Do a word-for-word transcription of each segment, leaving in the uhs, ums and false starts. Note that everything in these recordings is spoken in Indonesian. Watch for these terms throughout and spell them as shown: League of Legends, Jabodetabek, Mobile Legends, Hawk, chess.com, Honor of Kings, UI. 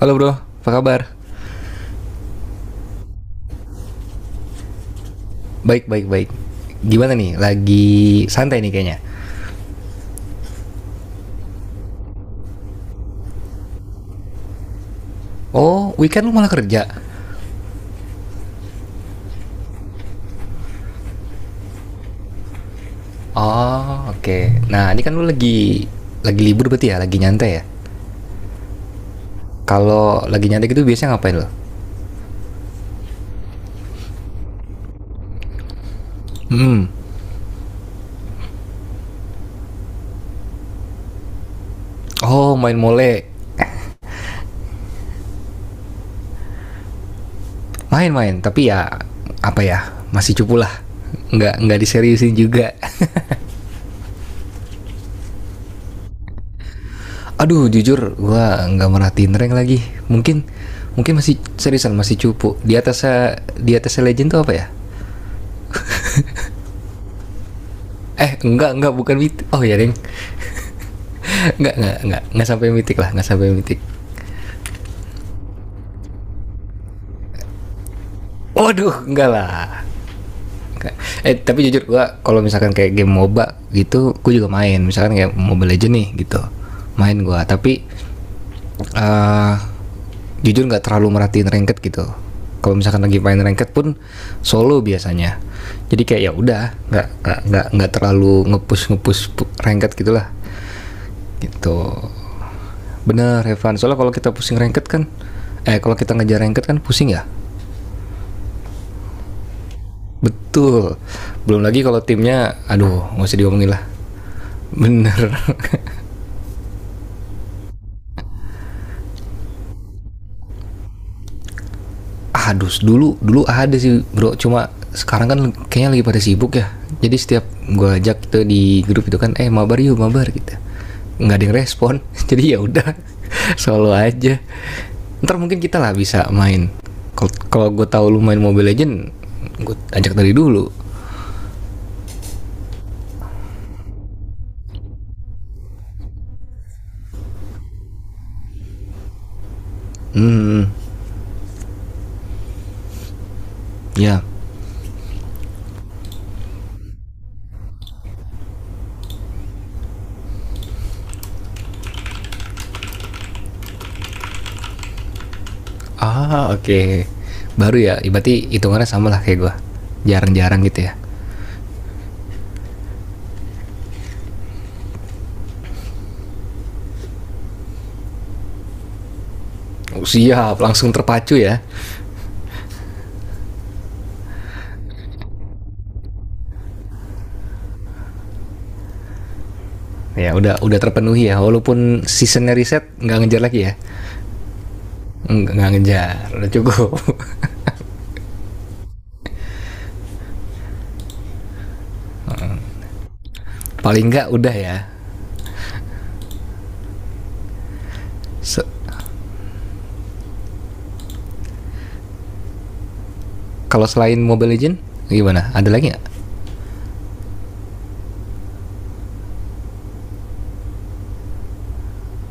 Halo bro, apa kabar? Baik, baik, baik. Gimana nih? Lagi santai nih kayaknya. Oh, weekend lu malah kerja? Oh, oke. Nah, ini kan lu lagi lagi libur berarti ya? Lagi nyantai ya? Kalau lagi nyantai gitu biasanya ngapain lo? Hmm. Oh, main mole. Main-main, tapi ya apa ya? Masih cupu lah. Nggak nggak diseriusin juga. Aduh, jujur gua nggak merhatiin rank lagi. Mungkin mungkin masih seriusan, masih cupu. Di atasnya di atasnya legend tuh apa ya? Eh, enggak, enggak, bukan mitik. Oh ya, Deng. Enggak, enggak, enggak, enggak sampai mitik lah, enggak sampai mitik. Waduh, enggak lah. Enggak. Eh, tapi jujur gua kalau misalkan kayak game M O B A gitu, gua juga main. Misalkan kayak Mobile Legends nih gitu. Main gua, tapi eh jujur nggak terlalu merhatiin ranked gitu. Kalau misalkan lagi main ranked pun solo biasanya. Jadi kayak ya udah, enggak enggak enggak enggak terlalu ngepush ngepush ranked gitulah. Gitu, bener Evan, soalnya kalau kita pusing ranked kan, eh kalau kita ngejar ranked kan pusing ya, betul. Belum lagi kalau timnya, aduh, nggak usah diomongin lah, bener. Aduh, dulu dulu ada sih bro, cuma sekarang kan kayaknya lagi pada sibuk ya. Jadi setiap gua ajak gitu di grup itu kan, eh mabar yuk mabar gitu. Nggak ada yang respon, jadi ya udah solo aja. Ntar mungkin kita lah bisa main. Kalau- Kalau gue tahu lu main Mobile Legend, gue ajak dari dulu. Hmm, ya. Ah, oke. Okay. Baru ya, berarti hitungannya sama lah kayak gua. Jarang-jarang gitu ya. Oh, siap, langsung terpacu ya. Ya udah udah terpenuhi ya, walaupun seasonnya riset nggak ngejar lagi ya. Nggak ngejar udah cukup. Paling nggak udah ya. Se- kalau selain Mobile Legend gimana, ada lagi nggak?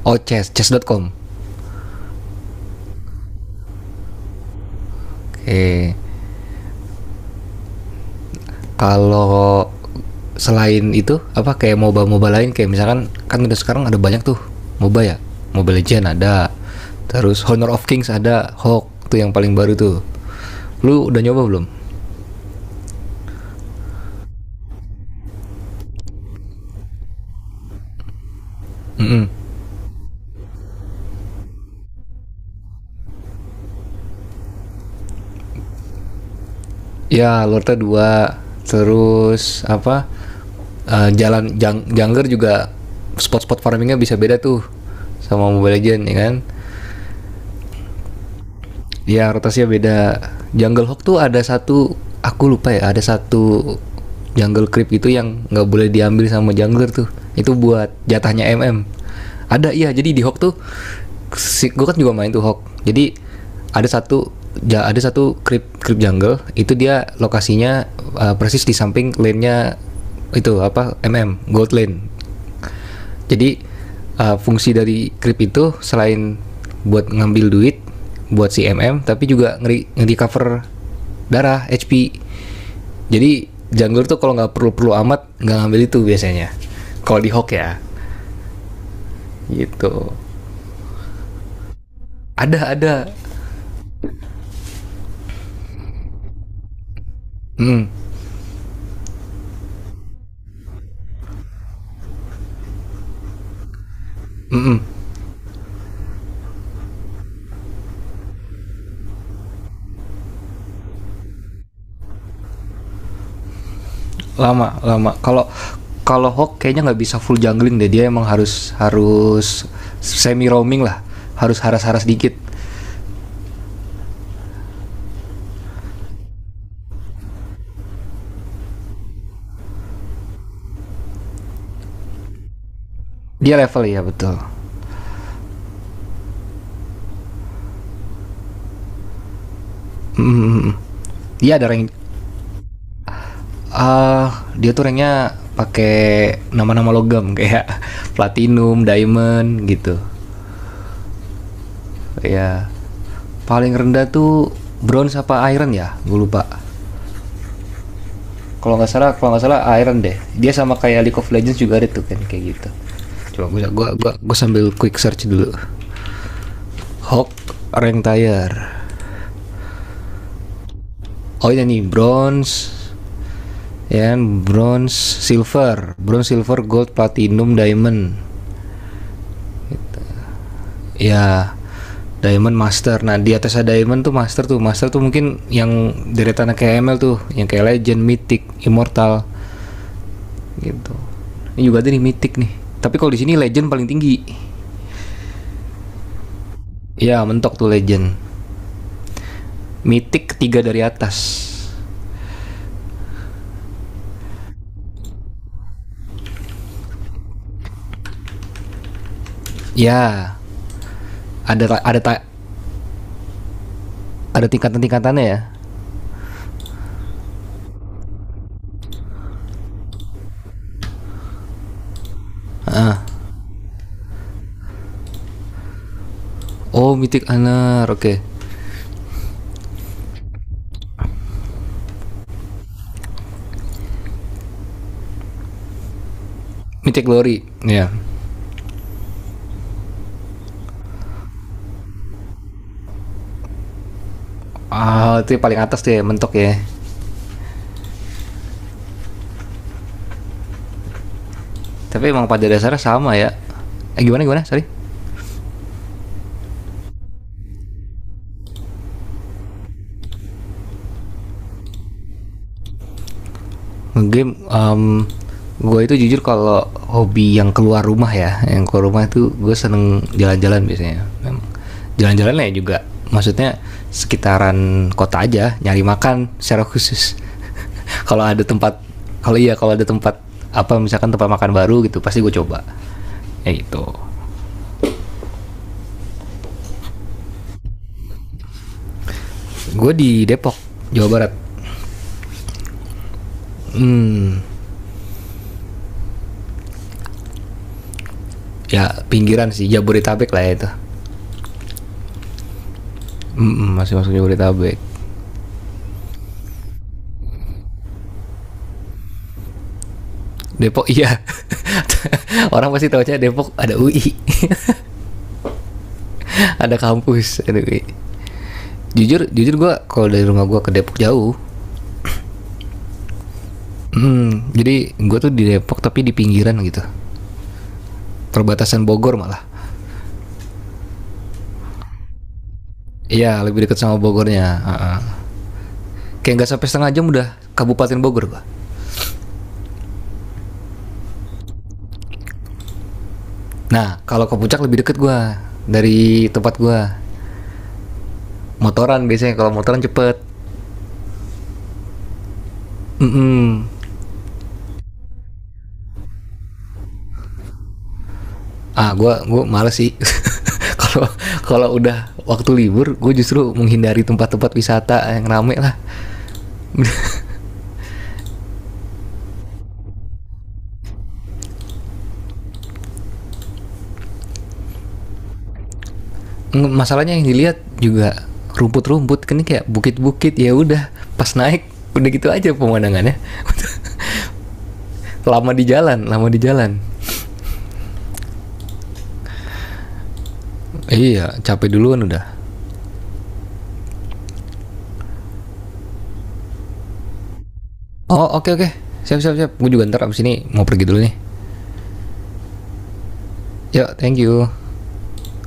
Oh, chess chess.com. Oke. Kalau selain itu apa, kayak M O B A M O B A lain, kayak misalkan, kan udah sekarang ada banyak tuh M O B A ya. Mobile Legend ada, terus Honor of Kings ada, Hawk tuh yang paling baru tuh. Lu udah nyoba belum? Mm-mm. Ya, Lorta dua. Terus apa? eh, jalan Jang- Jangger juga, spot-spot farmingnya bisa beda tuh sama Mobile Legend ya kan. Iya, rotasinya beda. Jungle Hawk tuh ada satu, aku lupa ya, ada satu jungle creep itu yang nggak boleh diambil sama jungler tuh. Itu buat jatahnya M M. Ada, iya, jadi di Hawk tuh si gue kan juga main tuh Hawk. Jadi ada satu ja, ada satu creep creep jungle itu dia lokasinya, uh, persis di samping lane-nya, itu apa, M M gold lane, jadi uh, fungsi dari krip itu selain buat ngambil duit buat si M M tapi juga ngeri ngeri cover darah H P. Jadi jungler tuh kalau nggak perlu-perlu amat nggak ngambil itu biasanya. Kalau di hook ya gitu. Ada, ada. Hmm, lama lama. Kalau kalau Hawk kayaknya nggak bisa full jungling deh, dia emang harus harus semi roaming lah, harus haras-haras dikit. Dia level ya, betul. mm, Dia ada range. Ah, dia tuh ranknya pakai nama-nama logam kayak platinum, diamond gitu. Ya. Paling rendah tuh bronze apa iron ya? Gue lupa. Kalau nggak salah, kalau nggak salah iron deh. Dia sama kayak League of Legends juga ada tuh kan kayak gitu. Coba gue gue gue gua sambil quick search dulu. Hawk rank tire. Oh, ini nih bronze. Ya, kan, bronze, silver, bronze, silver, gold, platinum, diamond. Ya, Diamond Master. Nah, di atas ada Diamond tuh Master tuh. Master tuh mungkin yang deretan kayak M L tuh, yang kayak Legend, Mythic, Immortal gitu. Ini juga ada nih Mythic nih. Tapi kalau di sini Legend paling tinggi. Ya, mentok tuh Legend. Mythic ketiga dari atas. Ya, ada ada ada tingkatan-tingkatannya ya. Oh, Mythic Honor, oke. Okay. Mythic Glory, ya. Ah, oh, itu paling atas tuh ya, mentok ya. Tapi emang pada dasarnya sama ya. Eh gimana gimana? Sorry. Game, um, gue itu jujur kalau hobi yang keluar rumah ya, yang keluar rumah itu gue seneng jalan-jalan biasanya. Memang. Jalan-jalan ya juga, maksudnya sekitaran kota aja, nyari makan secara khusus. kalau ada tempat, kalau iya kalau ada tempat apa misalkan tempat makan baru gitu, pasti gue coba. Ya gitu. Gue di Depok, Jawa Barat. Ya pinggiran sih, Jabodetabek lah ya itu. Mm-mm, masih masuk Jabodetabek. Depok iya. Orang pasti tahu aja Depok ada U I, ada kampus, ada U I. Jujur, jujur gue kalau dari rumah gue ke Depok jauh. Hmm, jadi gue tuh di Depok tapi di pinggiran gitu. Perbatasan Bogor malah. Iya, lebih dekat sama Bogornya. Heeh. Kayak nggak sampai setengah jam udah Kabupaten Bogor gue. Nah, kalau ke puncak lebih deket gue dari tempat gue. Motoran biasanya, kalau motoran cepet. Mm-mm. Ah, gue gue males sih. kalau kalau udah waktu libur, gue justru menghindari tempat-tempat wisata yang rame lah. Masalahnya yang dilihat juga rumput-rumput kan, ini kayak bukit-bukit, ya udah pas naik udah gitu aja pemandangannya. Lama di jalan, lama di jalan. Iya, capek duluan udah. Oh, oke, oke. Siap, siap, siap, gue juga ntar abis ini mau pergi dulu nih. Yuk, thank you.